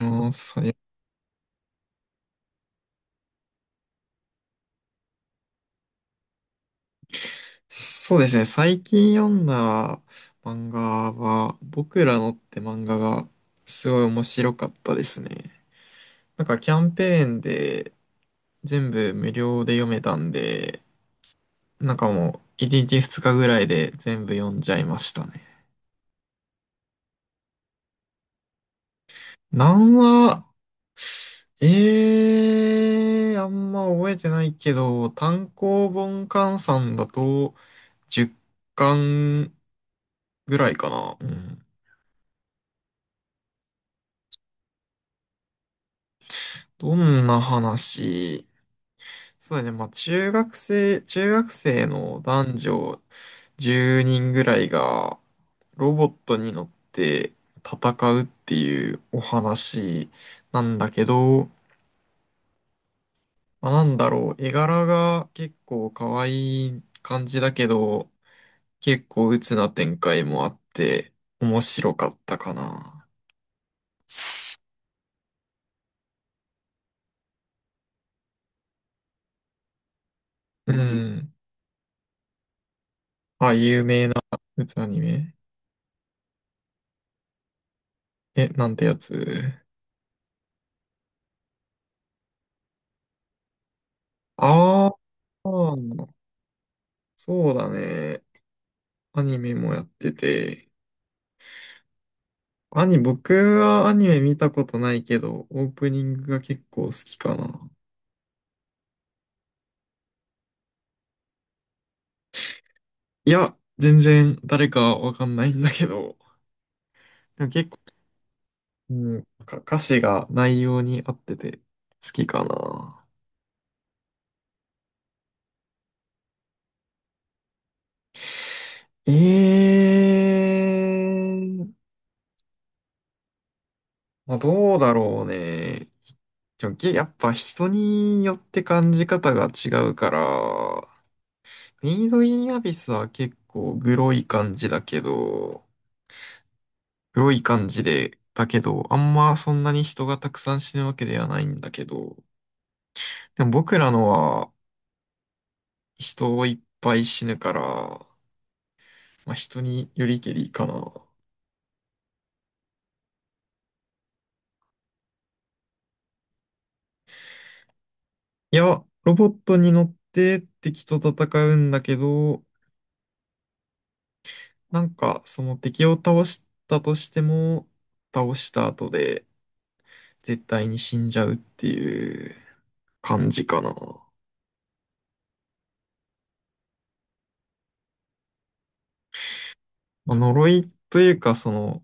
うん、そうですね。最近読んだ漫画は、僕らのって漫画がすごい面白かったですね。なんかキャンペーンで全部無料で読めたんで、なんかもう1日2日ぐらいで全部読んじゃいましたね。何話、ええー、あんま覚えてないけど、単行本換算だと10巻ぐらいかな。うん。どんな話。そうだね。まあ、中学生の男女10人ぐらいがロボットに乗って戦うっていうお話なんだけど、まあ、なんだろう。絵柄が結構可愛い感じだけど、結構鬱な展開もあって面白かったかな。うん。あ、有名な鬱アニメ。え、なんてやつ？ああ、そうだね。アニメもやってて。僕はアニメ見たことないけど、オープニングが結構好きかな。いや、全然誰かわかんないんだけど、でも結構、うん、歌詞が内容に合ってて好きかな。ええ。まあ、どうだろうね。でもやっぱ人によって感じ方が違うから、メイドインアビスは結構グロい感じで、だけど、あんまそんなに人がたくさん死ぬわけではないんだけど、でも僕らのは人をいっぱい死ぬから、まあ、人によりけりかな。いや、ロボットに乗って敵と戦うんだけど、なんかその敵を倒したとしても、倒した後で絶対に死んじゃうっていう感じかな。まあ呪いというか、その、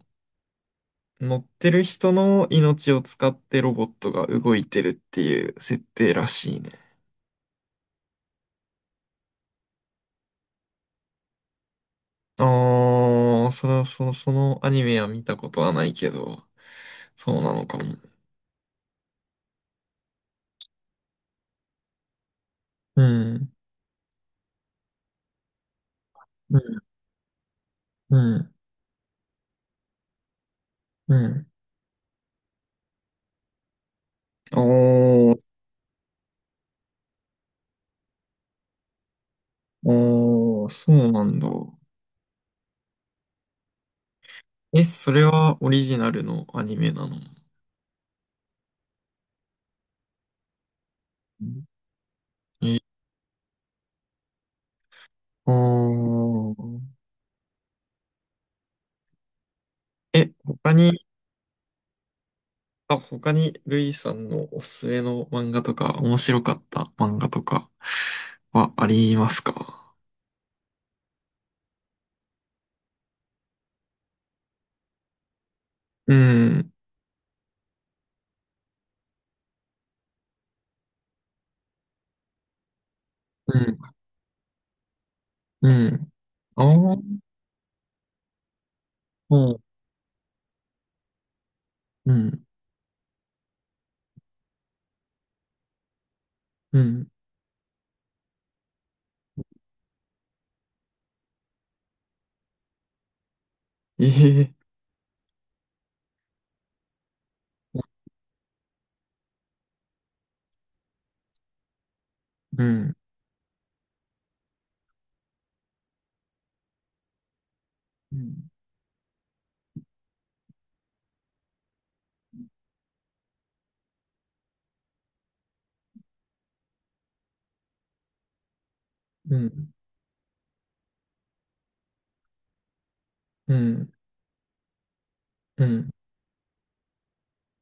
乗ってる人の命を使ってロボットが動いてるっていう設定らしいね。ああ、それはそのアニメは見たことはないけど、そうなのかも。うん、うん、うん、うん。おー、おー、そうなんだ。え、それはオリジナルのアニメなの？うん。え、あー、え、他に。あ、他にルイさんのおすすめの漫画とか、面白かった漫画とかはありますか？うん、うん、うん。ああ、うん、うん、うん。ええ、うん、うん、うん、うん、うん、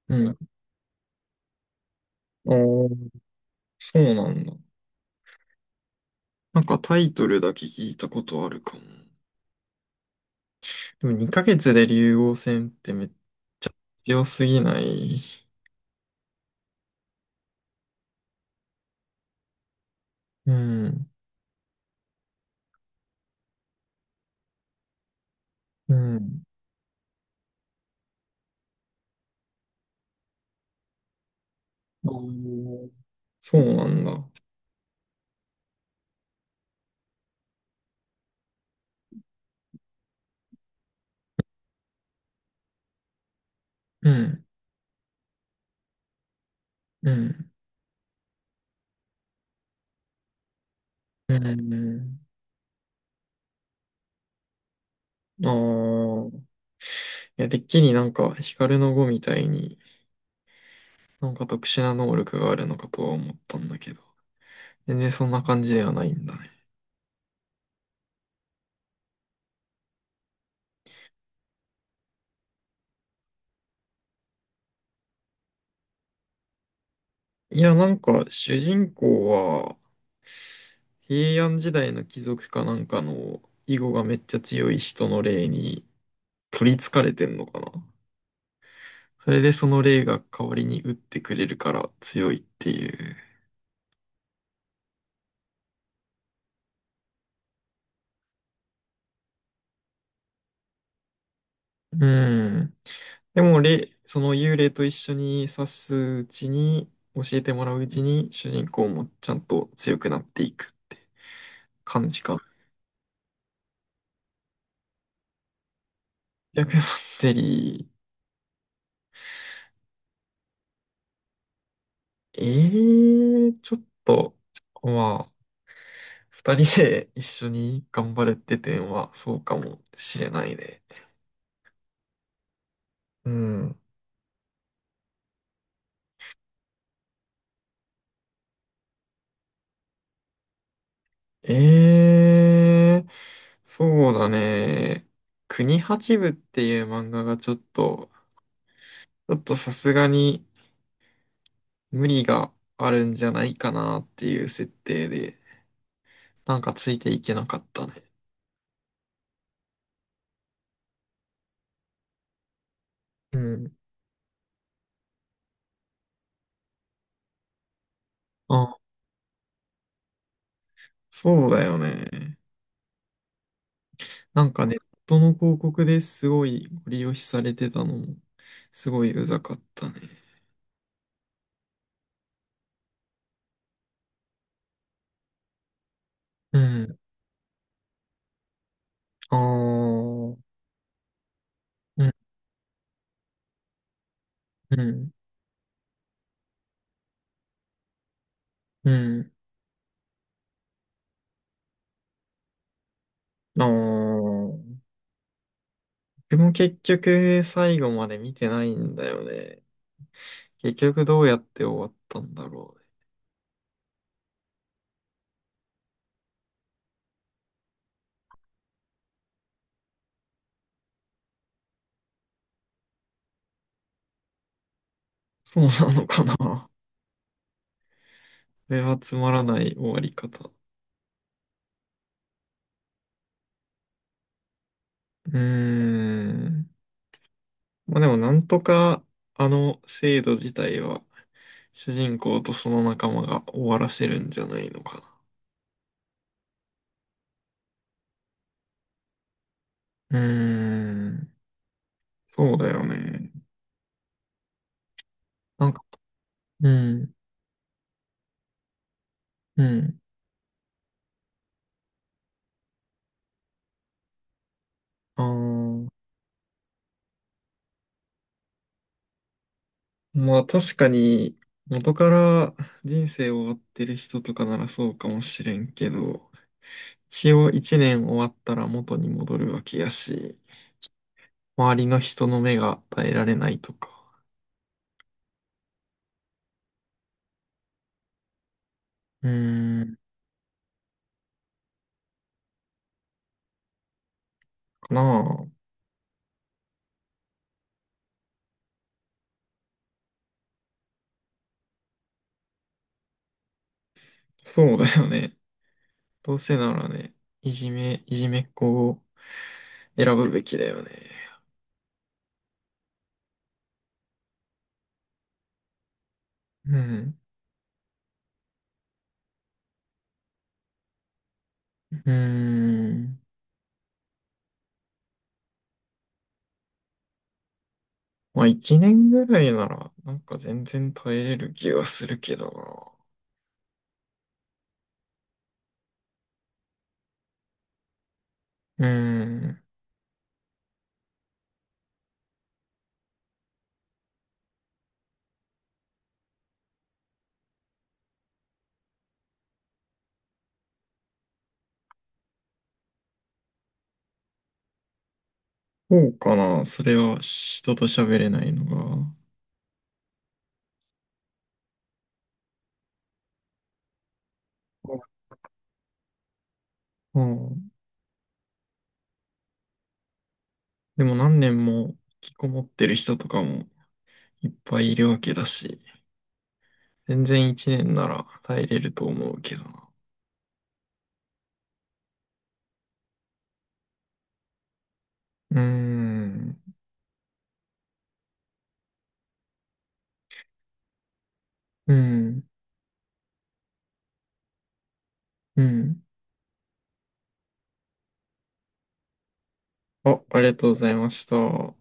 うん。おー、そうなんだ。なんかタイトルだけ聞いたことあるかも。でも2ヶ月で竜王戦ってめっちゃ強すぎない？うん、うん。おー、そうなんだ。うん、うん、うん。ああ。いや、てっきりなんか、ヒカルの碁みたいに、なんか特殊な能力があるのかとは思ったんだけど、全然そんな感じではないんだね。いや、なんか、主人公は、平安時代の貴族かなんかの、囲碁がめっちゃ強い人の霊に、取り憑かれてんのかな。それでその霊が代わりに打ってくれるから強いっていう。うん。でも、その幽霊と一緒に指すうちに、教えてもらううちに、主人公もちゃんと強くなっていくって感じか。逆バッテリー、ちょっと、まあ、二人で一緒に頑張るって点はそうかもしれないね。うん。ええー、そうだね。国八部っていう漫画がちょっと、さすがに、無理があるんじゃないかなっていう設定で、なんかついていけなかったね。うん。あ、そうだよね。なんかネットの広告ですごいご利用しされてたのも、すごいうざかったね。うん。ああ、うん、うん、うん。ああ。でも結局最後まで見てないんだよね。結局どうやって終わったんだろうね。そうなのかな。これはつまらない終わり方。うーん。まあでもなんとかあの制度自体は主人公とその仲間が終わらせるんじゃないのかな。うーん。そうだよね。なんか、うん。うん。あーまあ確かに元から人生を追ってる人とかならそうかもしれんけど、一応一年終わったら元に戻るわけやし、周りの人の目が耐えられないとか。うーん。かなあ。そうだよね。どうせならね、いじめっ子を選ぶべきだよね。うん。うーん。まあ、一年ぐらいなら、なんか全然耐えれる気がするけどな。うーん。そうかな。それは人と喋れないのが。うん。でも何年も引きこもってる人とかもいっぱいいるわけだし、全然一年なら耐えれると思うけどな。うーん。うん。うん。あ、ありがとうございました。